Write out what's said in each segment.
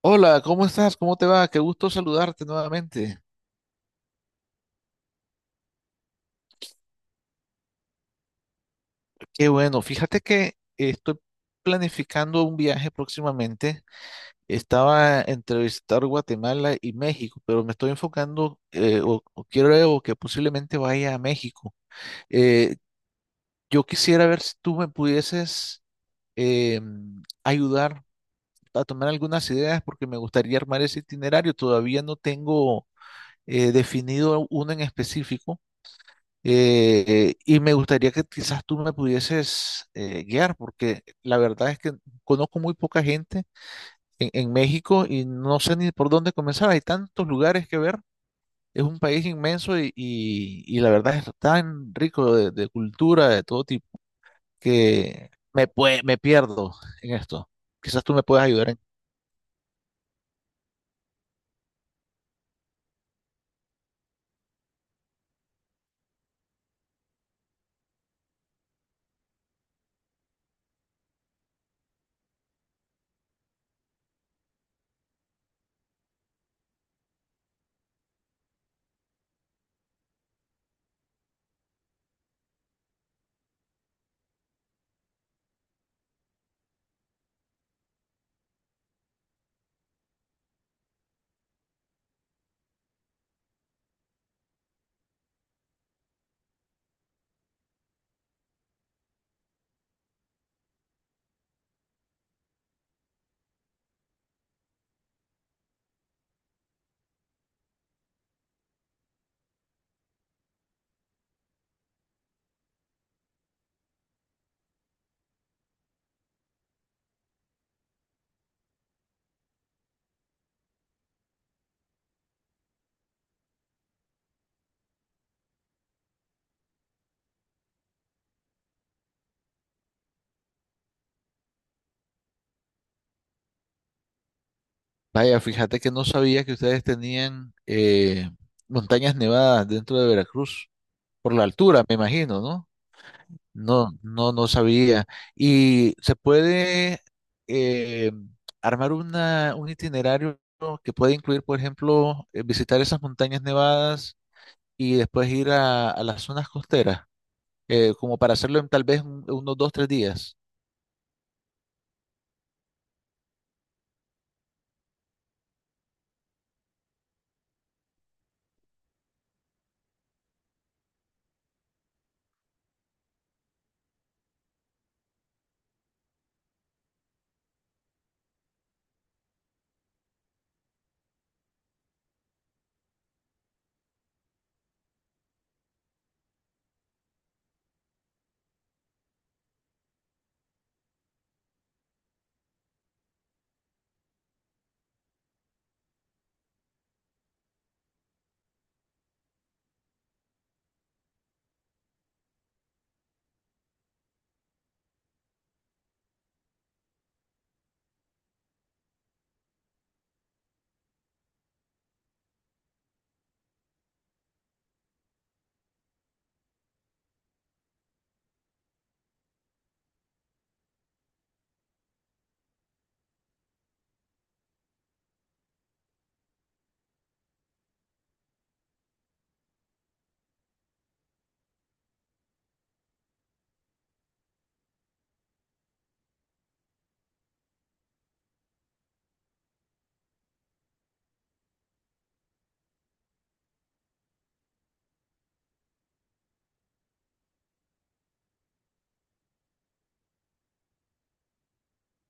Hola, ¿cómo estás? ¿Cómo te va? Qué gusto saludarte nuevamente. Qué bueno, fíjate que estoy planificando un viaje próximamente. Estaba entre visitar Guatemala y México, pero me estoy enfocando o, quiero que posiblemente vaya a México. Eh, yo quisiera ver si tú me pudieses eh, ayudar a tomar algunas ideas porque me gustaría armar ese itinerario. Todavía no tengo definido uno en específico. Y me gustaría que quizás tú me pudieses guiar, porque la verdad es que conozco muy poca gente en México y no sé ni por dónde comenzar. Hay tantos lugares que ver. Es un país inmenso y la verdad es tan rico de cultura de todo tipo que me pierdo en esto. Quizás tú me puedas ayudar en... Vaya, fíjate que no sabía que ustedes tenían montañas nevadas dentro de Veracruz, por la altura, me imagino, ¿no? No, no, no sabía. ¿Y se puede eh, armar una, un itinerario que puede incluir, por ejemplo, visitar esas montañas nevadas y después ir a las zonas costeras, como para hacerlo en tal vez unos dos, tres días?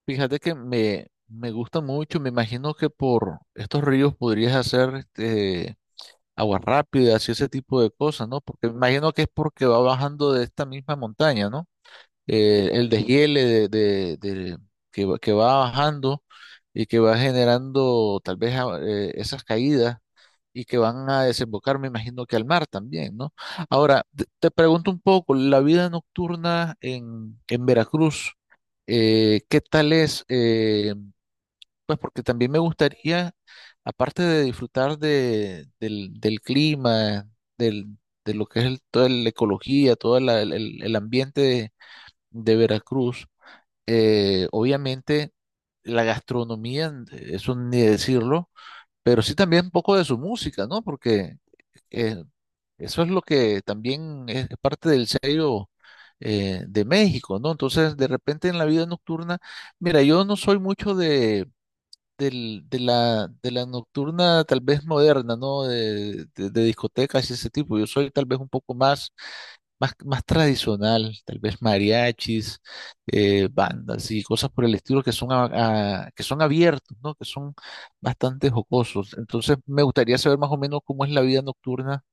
Fíjate que me gusta mucho, me imagino que por estos ríos podrías hacer este, aguas rápidas y ese tipo de cosas, ¿no? Porque me imagino que es porque va bajando de esta misma montaña, ¿no? El deshiele que, que va bajando y que va generando tal vez esas caídas y que van a desembocar, me imagino que al mar también, ¿no? Ahora, te pregunto un poco, la vida nocturna en Veracruz, ¿qué tal es? Pues porque también me gustaría, aparte de disfrutar de, del, del clima, del, de lo que es toda la ecología, todo el ambiente de Veracruz, obviamente la gastronomía, eso ni decirlo, pero sí también un poco de su música, ¿no? Porque eh, eso es lo que también es parte del sello de México, ¿no? Entonces, de repente en la vida nocturna, mira, yo no soy mucho de, de la nocturna tal vez moderna, ¿no? De discotecas y ese tipo, yo soy tal vez un poco más, más tradicional, tal vez mariachis, bandas y cosas por el estilo que son, que son abiertos, ¿no? Que son bastante jocosos. Entonces, me gustaría saber más o menos cómo es la vida nocturna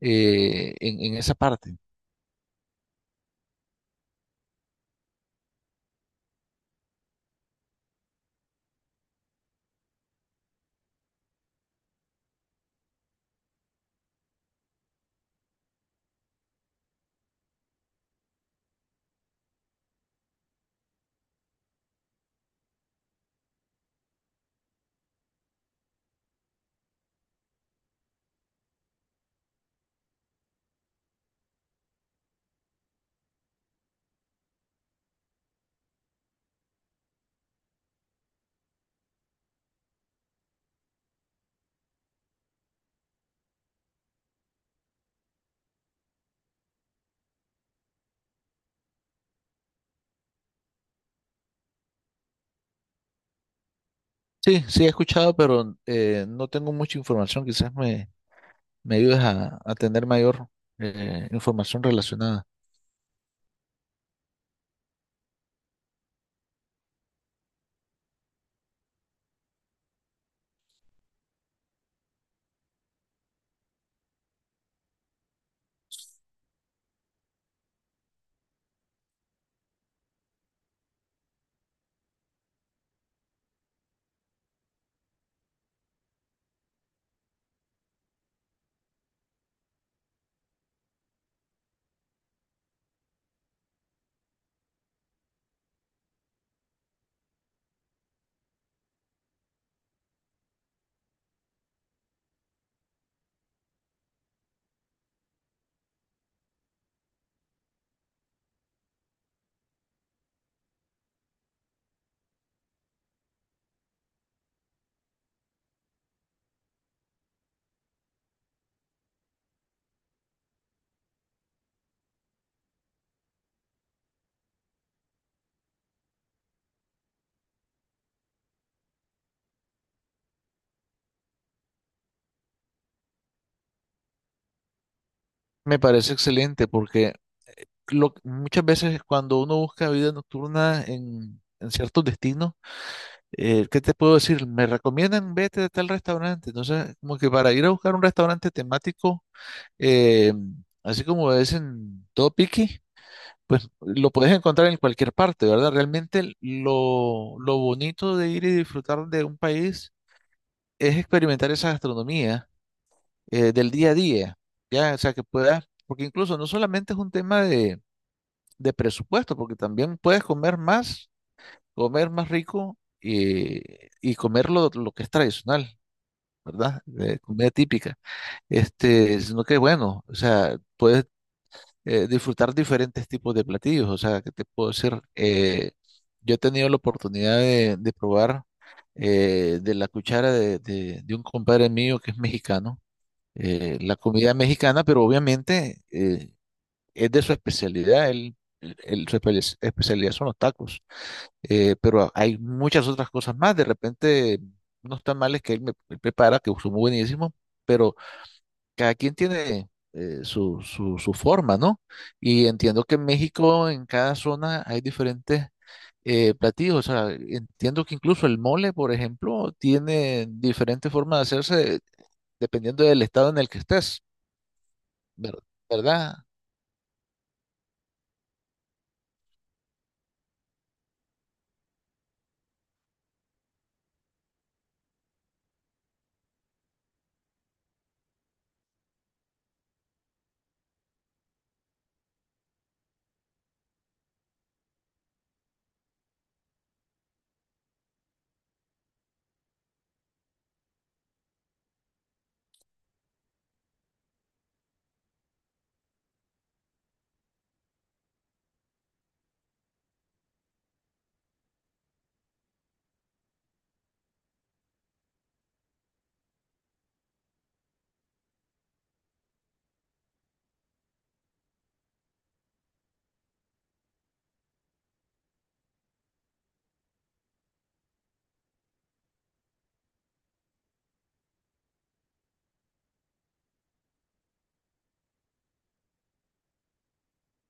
en esa parte. Sí, sí he escuchado, pero no tengo mucha información. Quizás me ayudes a tener mayor información relacionada. Me parece excelente porque muchas veces cuando uno busca vida nocturna en ciertos destinos, ¿qué te puedo decir? Me recomiendan vete a tal restaurante. Entonces, como que para ir a buscar un restaurante temático, eh, así como es en todo piqui, pues lo puedes encontrar en cualquier parte, ¿verdad? Realmente lo bonito de ir y disfrutar de un país es experimentar esa gastronomía del día a día, ¿ya? O sea, que puedas, porque incluso no solamente es un tema de presupuesto, porque también puedes comer más rico. Y comer lo que es tradicional. ¿Verdad? De comida típica. Este, sino que bueno, o sea, puedes disfrutar diferentes tipos de platillos. ¿O sea, que te puedo decir? Yo he tenido la oportunidad de probar de la cuchara de, de un compadre mío que es mexicano, la comida mexicana, pero obviamente es de su especialidad. Él, especialidad son los tacos. Pero hay muchas otras cosas más. De repente, unos tamales que él me prepara, que son muy buenísimos, pero cada quien tiene su, su, su forma, ¿no? Y entiendo que en México, en cada zona, hay diferentes platillos. O sea, entiendo que incluso el mole, por ejemplo, tiene diferentes formas de hacerse dependiendo del estado en el que estés, ver- ¿verdad?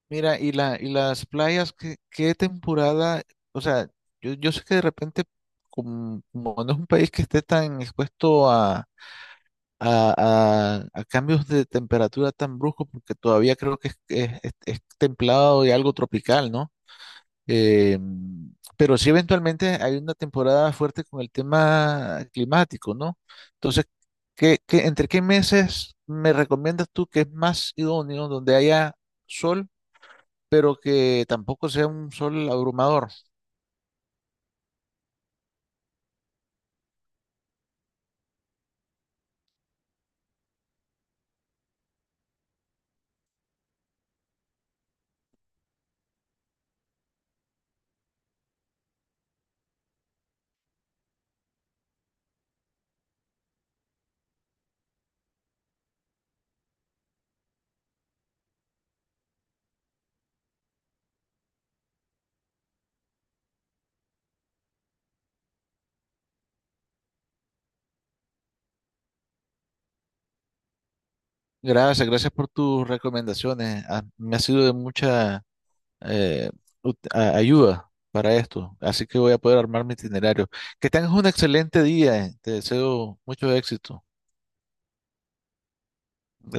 Mira, y la, y las playas, ¿qué, qué temporada? O sea, yo sé que de repente, como, como no es un país que esté tan expuesto a, a cambios de temperatura tan bruscos, porque todavía creo que es, es templado y algo tropical, ¿no? Eh, pero sí eventualmente hay una temporada fuerte con el tema climático, ¿no? Entonces, ¿qué, entre qué meses me recomiendas tú que es más idóneo donde haya sol? Pero que tampoco sea un sol abrumador. Gracias, gracias por tus recomendaciones. Ah, me ha sido de mucha eh, ayuda para esto, así que voy a poder armar mi itinerario. Que tengas un excelente día. Te deseo mucho éxito. Gracias.